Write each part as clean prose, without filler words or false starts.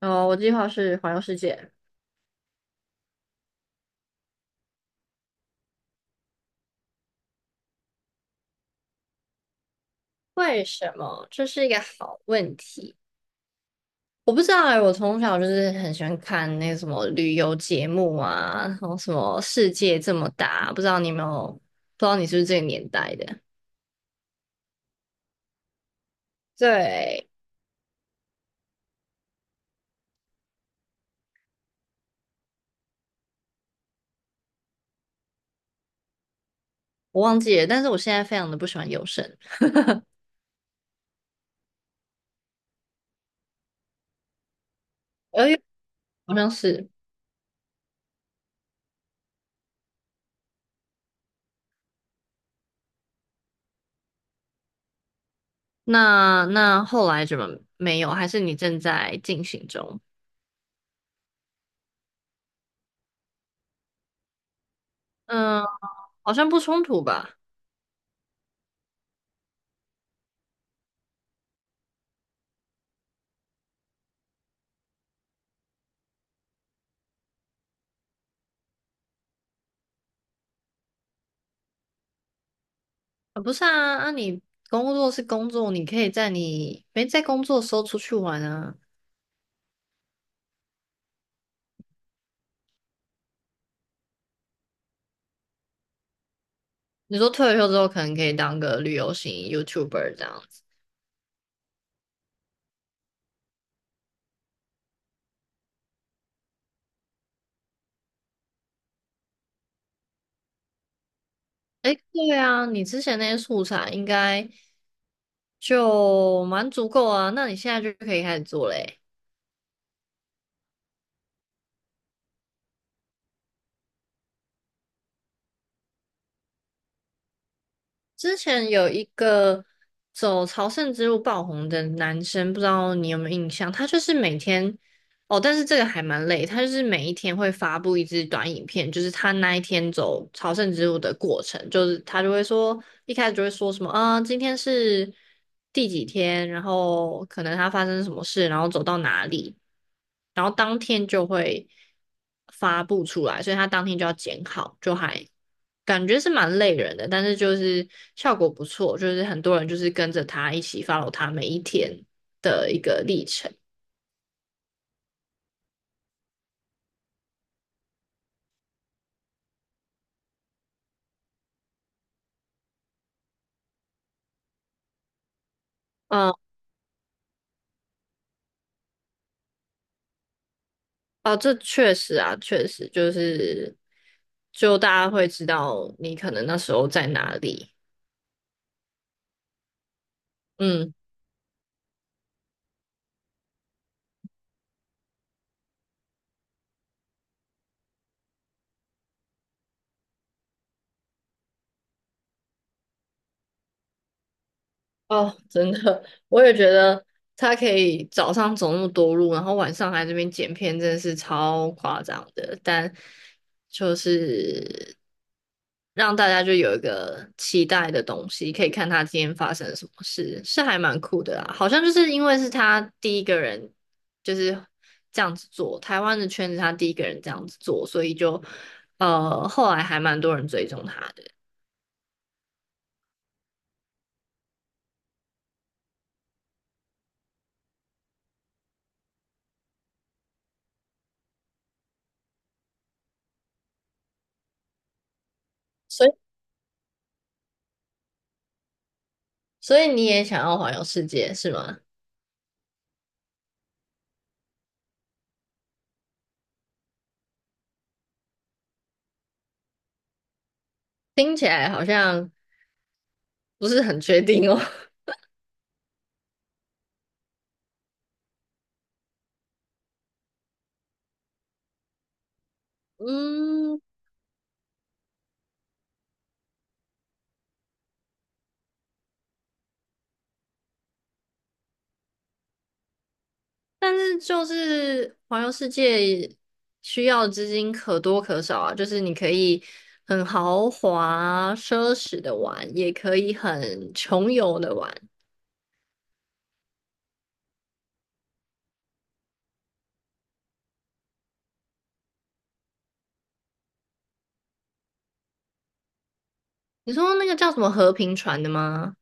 哦，我计划是环游世界。为什么？这是一个好问题。我不知道哎，我从小就是很喜欢看那个什么旅游节目啊，然后什么世界这么大，不知道你有没有，不知道你是不是这个年代的？对，我忘记了，但是我现在非常的不喜欢游神，泳，哎，好像是。那后来怎么没有？还是你正在进行中？嗯，好像不冲突吧。啊，不是啊，那你工作是工作，你可以在你没在工作的时候出去玩啊。你说退了休之后，可能可以当个旅游型 YouTuber 这样子。诶，对啊，你之前那些素材应该就蛮足够啊，那你现在就可以开始做嘞。之前有一个走朝圣之路爆红的男生，不知道你有没有印象？他就是每天哦，但是这个还蛮累，他就是每一天会发布一支短影片，就是他那一天走朝圣之路的过程，就是他就会说一开始就会说什么啊，今天是第几天，然后可能他发生什么事，然后走到哪里，然后当天就会发布出来，所以他当天就要剪好，就还感觉是蛮累人的，但是就是效果不错，就是很多人就是跟着他一起 follow 他每一天的一个历程。嗯，哦，这确实啊，确实就是，就大家会知道你可能那时候在哪里。嗯。哦，真的，我也觉得他可以早上走那么多路，然后晚上还这边剪片，真的是超夸张的。但就是让大家就有一个期待的东西，可以看他今天发生了什么事，是还蛮酷的啦。好像就是因为是他第一个人就是这样子做，台湾的圈子他第一个人这样子做，所以就后来还蛮多人追踪他的。所以，所以你也想要环游世界是吗？听起来好像不是很确定哦。嗯，但是就是环游世界需要的资金可多可少啊，就是你可以很豪华奢侈的玩，也可以很穷游的玩。你说那个叫什么和平船的吗？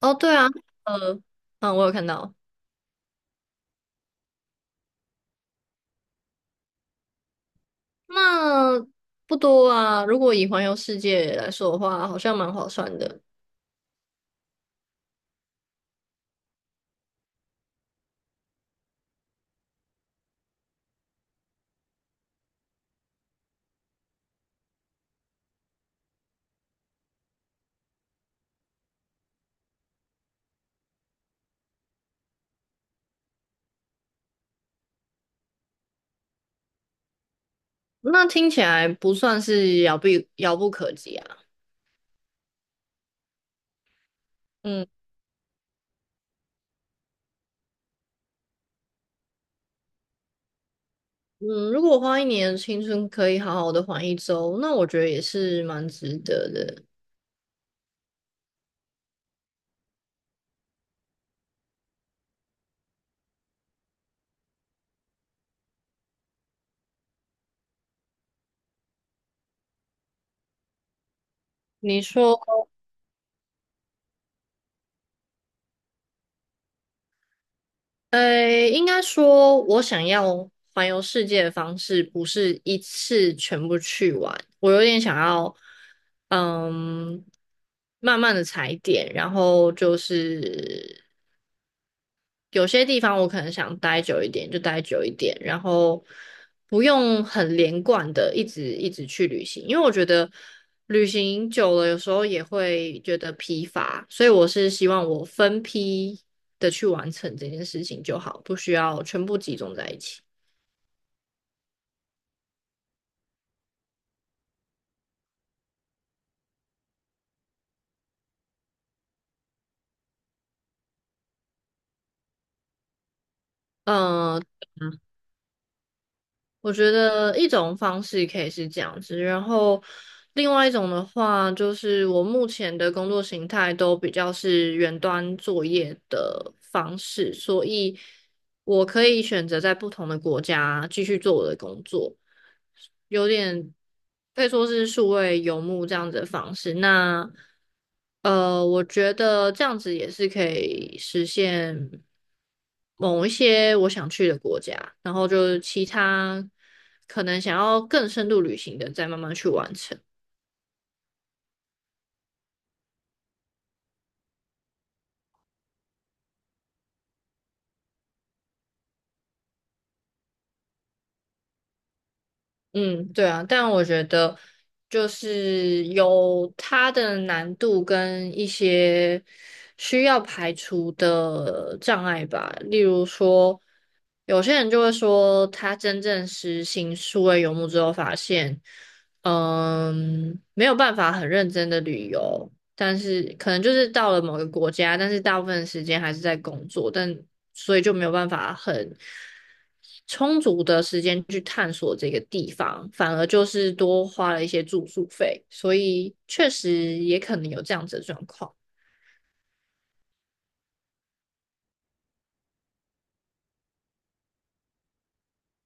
哦，对啊，呃，嗯，我有看到，那不多啊。如果以环游世界来说的话，好像蛮划算的。那听起来不算是遥不可及啊。嗯。嗯，如果花一年的青春可以好好的环一周，那我觉得也是蛮值得的。你说，呃，应该说，我想要环游世界的方式不是一次全部去完，我有点想要，嗯，慢慢的踩点，然后就是有些地方我可能想待久一点，就待久一点，然后不用很连贯的一直去旅行，因为我觉得旅行久了有时候也会觉得疲乏，所以我是希望我分批的去完成这件事情就好，不需要全部集中在一起。嗯、我觉得一种方式可以是这样子，然后另外一种的话，就是我目前的工作形态都比较是远端作业的方式，所以我可以选择在不同的国家继续做我的工作，有点可以说是数位游牧这样子的方式。那我觉得这样子也是可以实现某一些我想去的国家，然后就是其他可能想要更深度旅行的，再慢慢去完成。嗯，对啊，但我觉得就是有它的难度跟一些需要排除的障碍吧。例如说，有些人就会说，他真正实行数位游牧之后，发现，嗯，没有办法很认真的旅游，但是可能就是到了某个国家，但是大部分的时间还是在工作，但所以就没有办法很。充足的时间去探索这个地方，反而就是多花了一些住宿费，所以确实也可能有这样子的状况。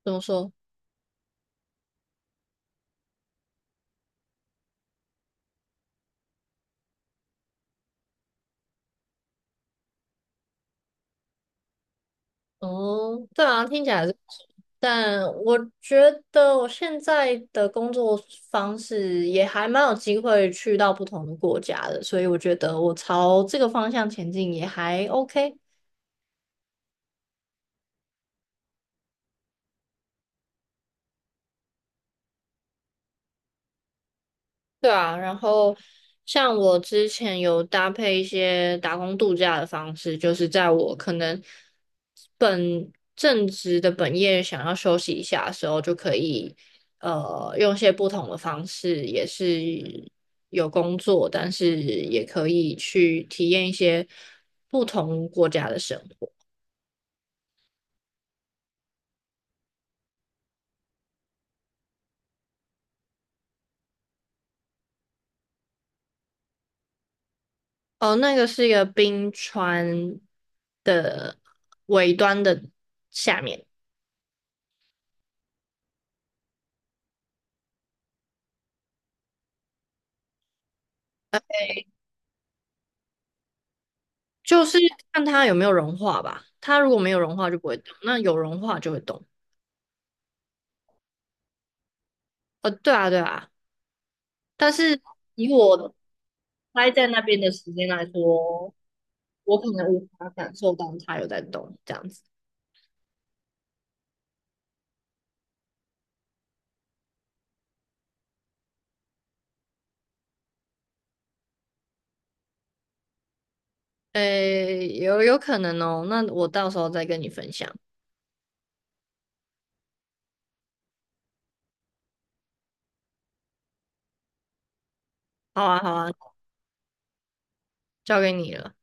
怎么说？哦，对啊，听起来是不错，但我觉得我现在的工作方式也还蛮有机会去到不同的国家的，所以我觉得我朝这个方向前进也还 OK。对啊，然后像我之前有搭配一些打工度假的方式，就是在我可能本正职的本业想要休息一下的时候，就可以用一些不同的方式，也是有工作，但是也可以去体验一些不同国家的生活。哦，那个是一个冰川的尾端的下面。就是看它有没有融化吧。它如果没有融化就不会动，那有融化就会动。呃，对啊，对啊。但是以我待在那边的时间来说，我可能无法感受到它有在动这样子。诶，有可能哦。那我到时候再跟你分享。好啊，好啊，交给你了。